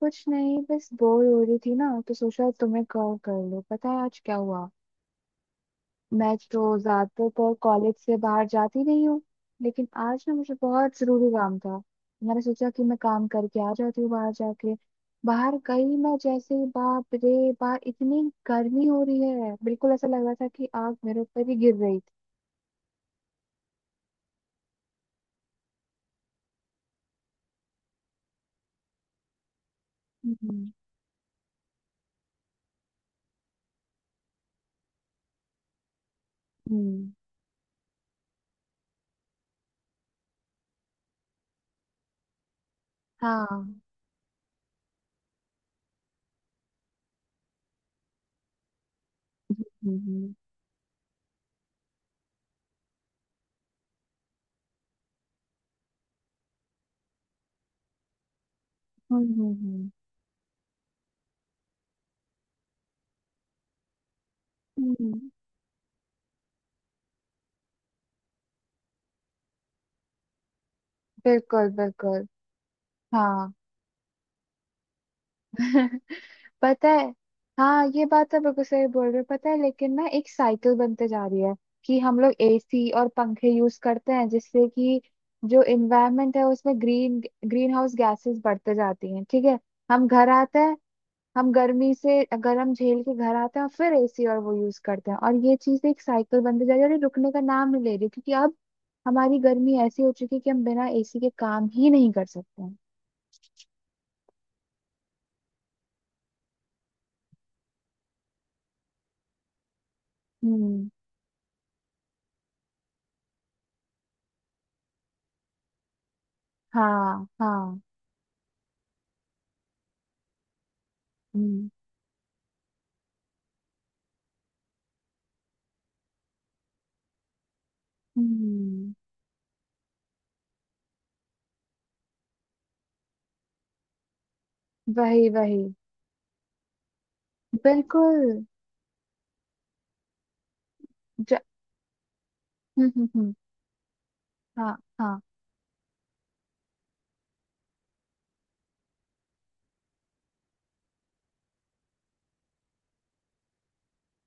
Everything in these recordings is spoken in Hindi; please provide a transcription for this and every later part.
कुछ नहीं, बस बोर हो रही थी ना तो सोचा तुम्हें कॉल कर लो। पता है आज क्या हुआ? मैं तो ज्यादातर तो कॉलेज से बाहर जाती नहीं हूँ। लेकिन आज ना मुझे बहुत जरूरी काम था। मैंने सोचा कि मैं काम करके आ जाती हूँ बाहर जाके। बाहर गई मैं जैसे ही, बाप रे बाप, इतनी गर्मी हो रही है, बिल्कुल ऐसा लग रहा था कि आग मेरे ऊपर ही गिर रही थी। हम्म। हम्म। हाँ। हम्म। हम्म। हम्म। हम्म। हम्म। बिल्कुल बिल्कुल। हाँ। पता है। हाँ, ये बात तो बिल्कुल सही बोल रहे हो। पता है, लेकिन ना एक साइकिल बनते जा रही है कि हम लोग एसी और पंखे यूज करते हैं जिससे कि जो इन्वायरमेंट है उसमें ग्रीन ग्रीन हाउस गैसेस बढ़ते जाती हैं, ठीक है। हम घर आते हैं। हम गर्मी से गर्म झेल के घर आते हैं और फिर एसी और वो यूज करते हैं और ये चीज एक साइकिल बनते जा रही है और ये रुकने का नाम नहीं ले रही, क्योंकि अब हमारी गर्मी ऐसी हो चुकी है कि हम बिना एसी के काम ही नहीं कर सकते हैं। हम्म। हाँ हाँ। हम्म। हम्म। वही वही। बिल्कुल। ज... हम्म। हम्म। हम्म। हाँ। हाँ।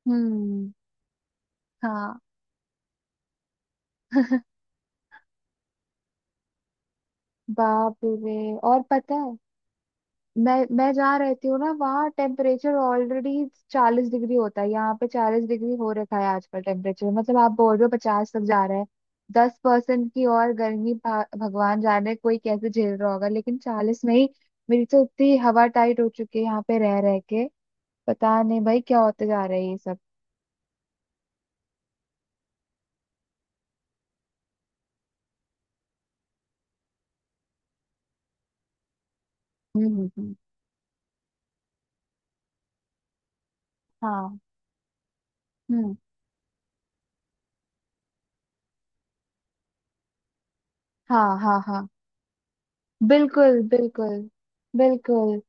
हम्म। हाँ। बाप रे। और पता है, मैं जहाँ रहती हूँ ना वहाँ टेम्परेचर ऑलरेडी 40 डिग्री होता है। यहाँ पे 40 डिग्री हो रखा है आजकल टेम्परेचर, मतलब आप बोल रहे हो 50 तक जा रहा है। 10% की और गर्मी, भगवान जाने कोई कैसे झेल रहा होगा। लेकिन 40 में ही मेरी तो इतनी हवा टाइट हो चुकी है यहाँ पे रह रह के। पता नहीं भाई क्या होते जा रहा है ये सब। हम्म। हम्म। हम्म। हाँ। हम्म। हाँ। हाँ। हाँ। बिल्कुल बिल्कुल। बिल्कुल।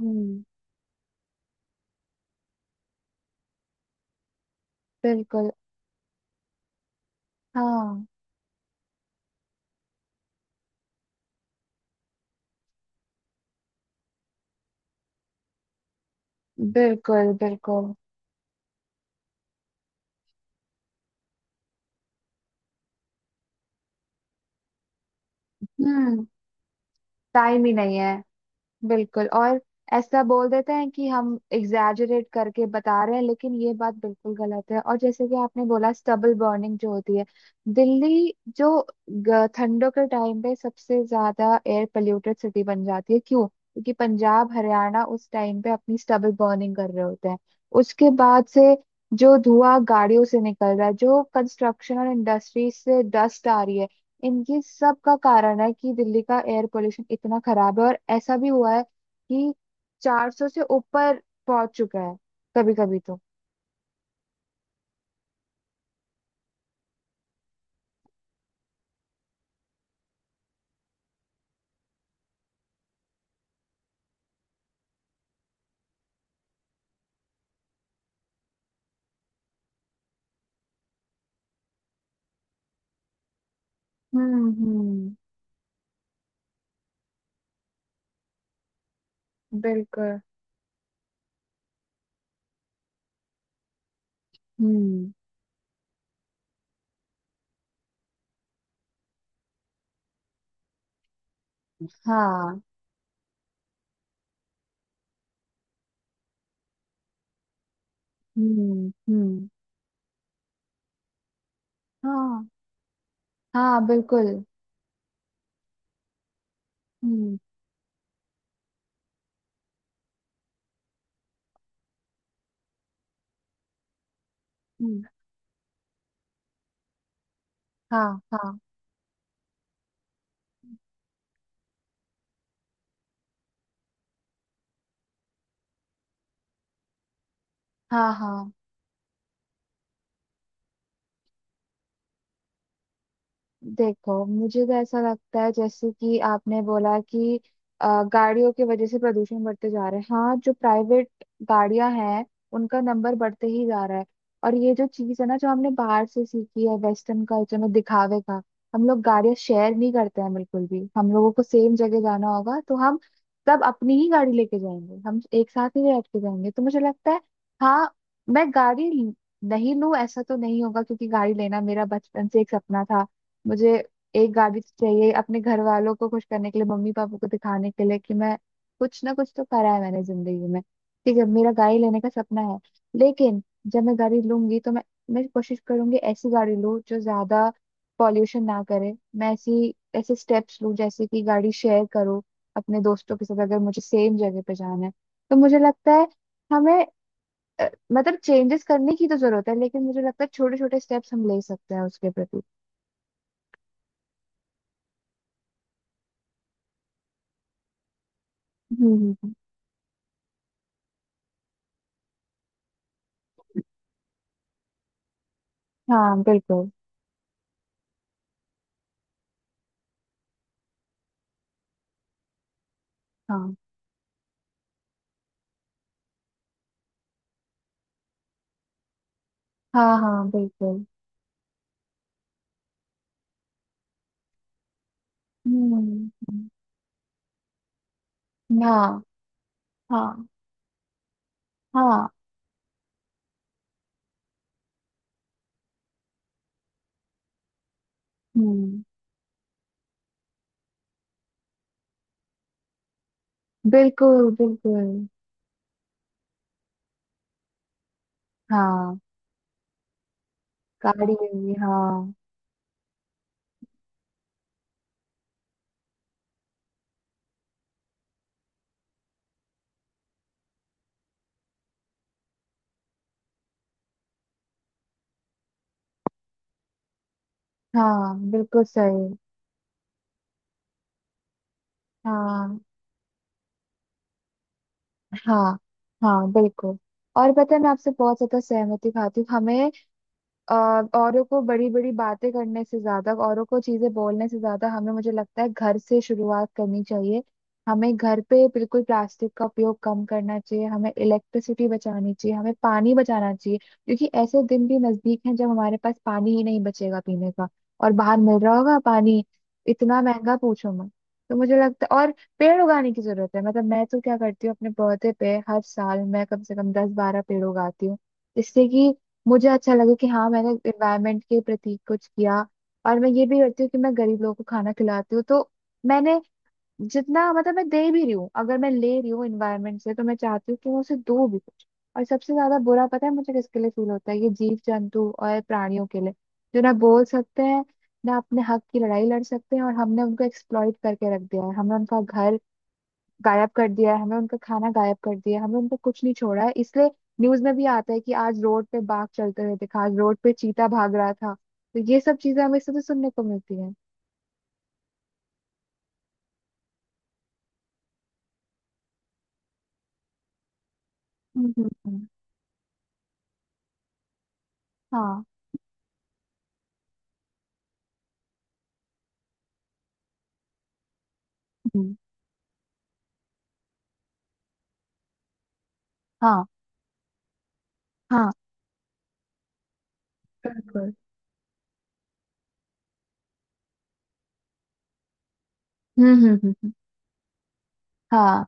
हम्म। बिल्कुल। हाँ बिल्कुल। बिल्कुल। हम्म। टाइम ही नहीं है। बिल्कुल। और ऐसा बोल देते हैं कि हम एग्जैजरेट करके बता रहे हैं, लेकिन ये बात बिल्कुल गलत है। और जैसे कि आपने बोला, स्टबल बर्निंग जो होती है, दिल्ली जो ठंडों के टाइम पे सबसे ज्यादा एयर पोल्यूटेड सिटी बन जाती है। क्यों? क्योंकि पंजाब हरियाणा उस टाइम पे अपनी स्टबल बर्निंग कर रहे होते हैं। उसके बाद से जो धुआं गाड़ियों से निकल रहा है, जो कंस्ट्रक्शन और इंडस्ट्री से डस्ट आ रही है, इनकी सब का कारण है कि दिल्ली का एयर पोल्यूशन इतना खराब है। और ऐसा भी हुआ है कि 400 से ऊपर पहुंच चुका है कभी कभी तो। हम्म। हम्म। बिल्कुल। हम्म। हाँ। हम्म। हम्म। हाँ हाँ बिल्कुल। हम्म। हम्म। हाँ। हाँ। हाँ। हाँ। देखो, मुझे तो ऐसा लगता है, जैसे कि आपने बोला कि गाड़ियों की वजह से प्रदूषण बढ़ते जा रहा है। हाँ, जो प्राइवेट गाड़ियां हैं उनका नंबर बढ़ते ही जा रहा है। और ये जो चीज़ है ना जो हमने बाहर से सीखी है वेस्टर्न कल्चर में दिखावे का, हम लोग गाड़ियां शेयर नहीं करते हैं बिल्कुल भी। हम लोगों को सेम जगह जाना होगा तो हम सब अपनी ही गाड़ी लेके जाएंगे, हम एक साथ ही बैठ के जाएंगे तो मुझे लगता है। हाँ। मैं गाड़ी नहीं लूं ऐसा तो नहीं होगा, क्योंकि गाड़ी लेना मेरा बचपन से एक सपना था। मुझे एक गाड़ी तो चाहिए अपने घर वालों को खुश करने के लिए, मम्मी पापा को दिखाने के लिए कि मैं कुछ ना कुछ तो करा है मैंने जिंदगी में। ठीक है, मेरा गाड़ी लेने का सपना है। लेकिन जब मैं गाड़ी लूंगी तो मैं कोशिश करूंगी ऐसी गाड़ी लूं जो ज्यादा पॉल्यूशन ना करे। मैं ऐसी ऐसे स्टेप्स लूं जैसे कि गाड़ी शेयर करूं अपने दोस्तों के साथ, अगर मुझे सेम जगह पे जाना है। तो मुझे लगता है, हमें, अ, मतलब, चेंजेस करने की तो जरूरत है, लेकिन मुझे लगता है छोटे छोटे स्टेप्स हम ले सकते हैं उसके प्रति। हम्म। हाँ बिल्कुल। हाँ हाँ। हाँ बिल्कुल। हम्म। हम्म। हाँ हाँ। हाँ। हम्म। बिल्कुल बिल्कुल। हाँ। गाड़ी हुई। हाँ। हाँ बिल्कुल सही। हाँ। हाँ। हाँ बिल्कुल। और पता है, मैं आपसे बहुत ज्यादा सहमति खाती हूँ। हमें, अ, औरों को बड़ी बड़ी बातें करने से ज्यादा, औरों को चीजें बोलने से ज्यादा, हमें, मुझे लगता है घर से शुरुआत करनी चाहिए। हमें घर पे बिल्कुल प्लास्टिक का उपयोग कम करना चाहिए, हमें इलेक्ट्रिसिटी बचानी चाहिए, हमें पानी बचाना चाहिए, क्योंकि ऐसे दिन भी नजदीक हैं जब हमारे पास पानी ही नहीं बचेगा पीने का। और बाहर मिल रहा होगा पानी इतना महंगा, पूछो मत। तो मुझे लगता है और पेड़ उगाने की जरूरत है। मतलब मैं तो क्या करती हूँ, अपने पौधे पे हर साल मैं कम से कम 10-12 पेड़ उगाती हूँ, जिससे कि मुझे अच्छा लगे कि हाँ, मैंने एनवायरनमेंट के प्रति कुछ किया। और मैं ये भी करती हूँ कि मैं गरीब लोगों को खाना खिलाती हूँ। तो मैंने, जितना मतलब मैं दे भी रही हूँ, अगर मैं ले रही हूँ एनवायरनमेंट से तो मैं चाहती हूँ कि मैं उसे दूँ भी कुछ। और सबसे ज्यादा बुरा पता है मुझे किसके लिए फील होता है? ये जीव जंतु और प्राणियों के लिए, जो ना बोल सकते हैं, ना अपने हक की लड़ाई लड़ सकते हैं। और हमने उनको एक्सप्लॉइट करके रख दिया है, हमने उनका घर गायब कर दिया है, हमें उनका खाना गायब कर दिया है, हमें उनका कुछ नहीं छोड़ा है। इसलिए न्यूज में भी आता है कि आज रोड पे बाघ चलते हुए दिखा, आज रोड पे चीता भाग रहा था। तो ये सब चीजें हमें इससे तो सुनने को मिलती है हम्म। हम्म। हम्म। हाँ। हम्म। हाँ। हाँ बिल्कुल। हम्म। हम्म। हम्म। हम्म। हाँ।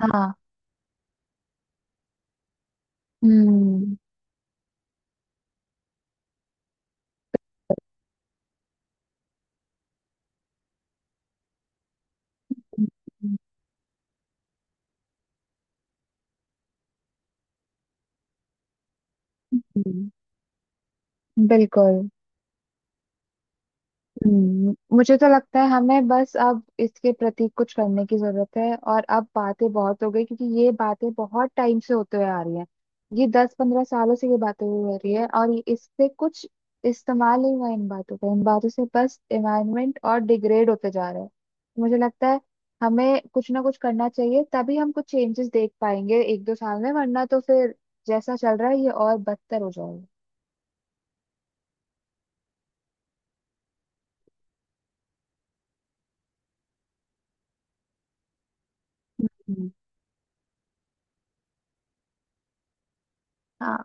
हाँ। हम्म हम्म। हम्म। हम्म। बिल्कुल। हम्म। मुझे तो लगता है हमें बस अब इसके प्रति कुछ करने की जरूरत है, और अब बातें बहुत हो गई, क्योंकि ये बातें बहुत टाइम से होते हुए आ रही हैं। ये 10-15 सालों से ये बातें हुई हो रही है और इससे कुछ इस्तेमाल नहीं हुआ इन बातों का। इन बातों से बस एनवायरनमेंट और डिग्रेड होते जा रहे हैं। मुझे लगता है हमें कुछ ना कुछ करना चाहिए, तभी हम कुछ चेंजेस देख पाएंगे एक दो साल में, वरना तो फिर जैसा चल रहा है ये और बदतर हो जाएगा। हम्म। हाँ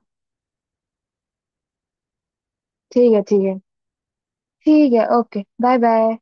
ठीक है। ठीक है। ठीक है, ओके, बाय बाय।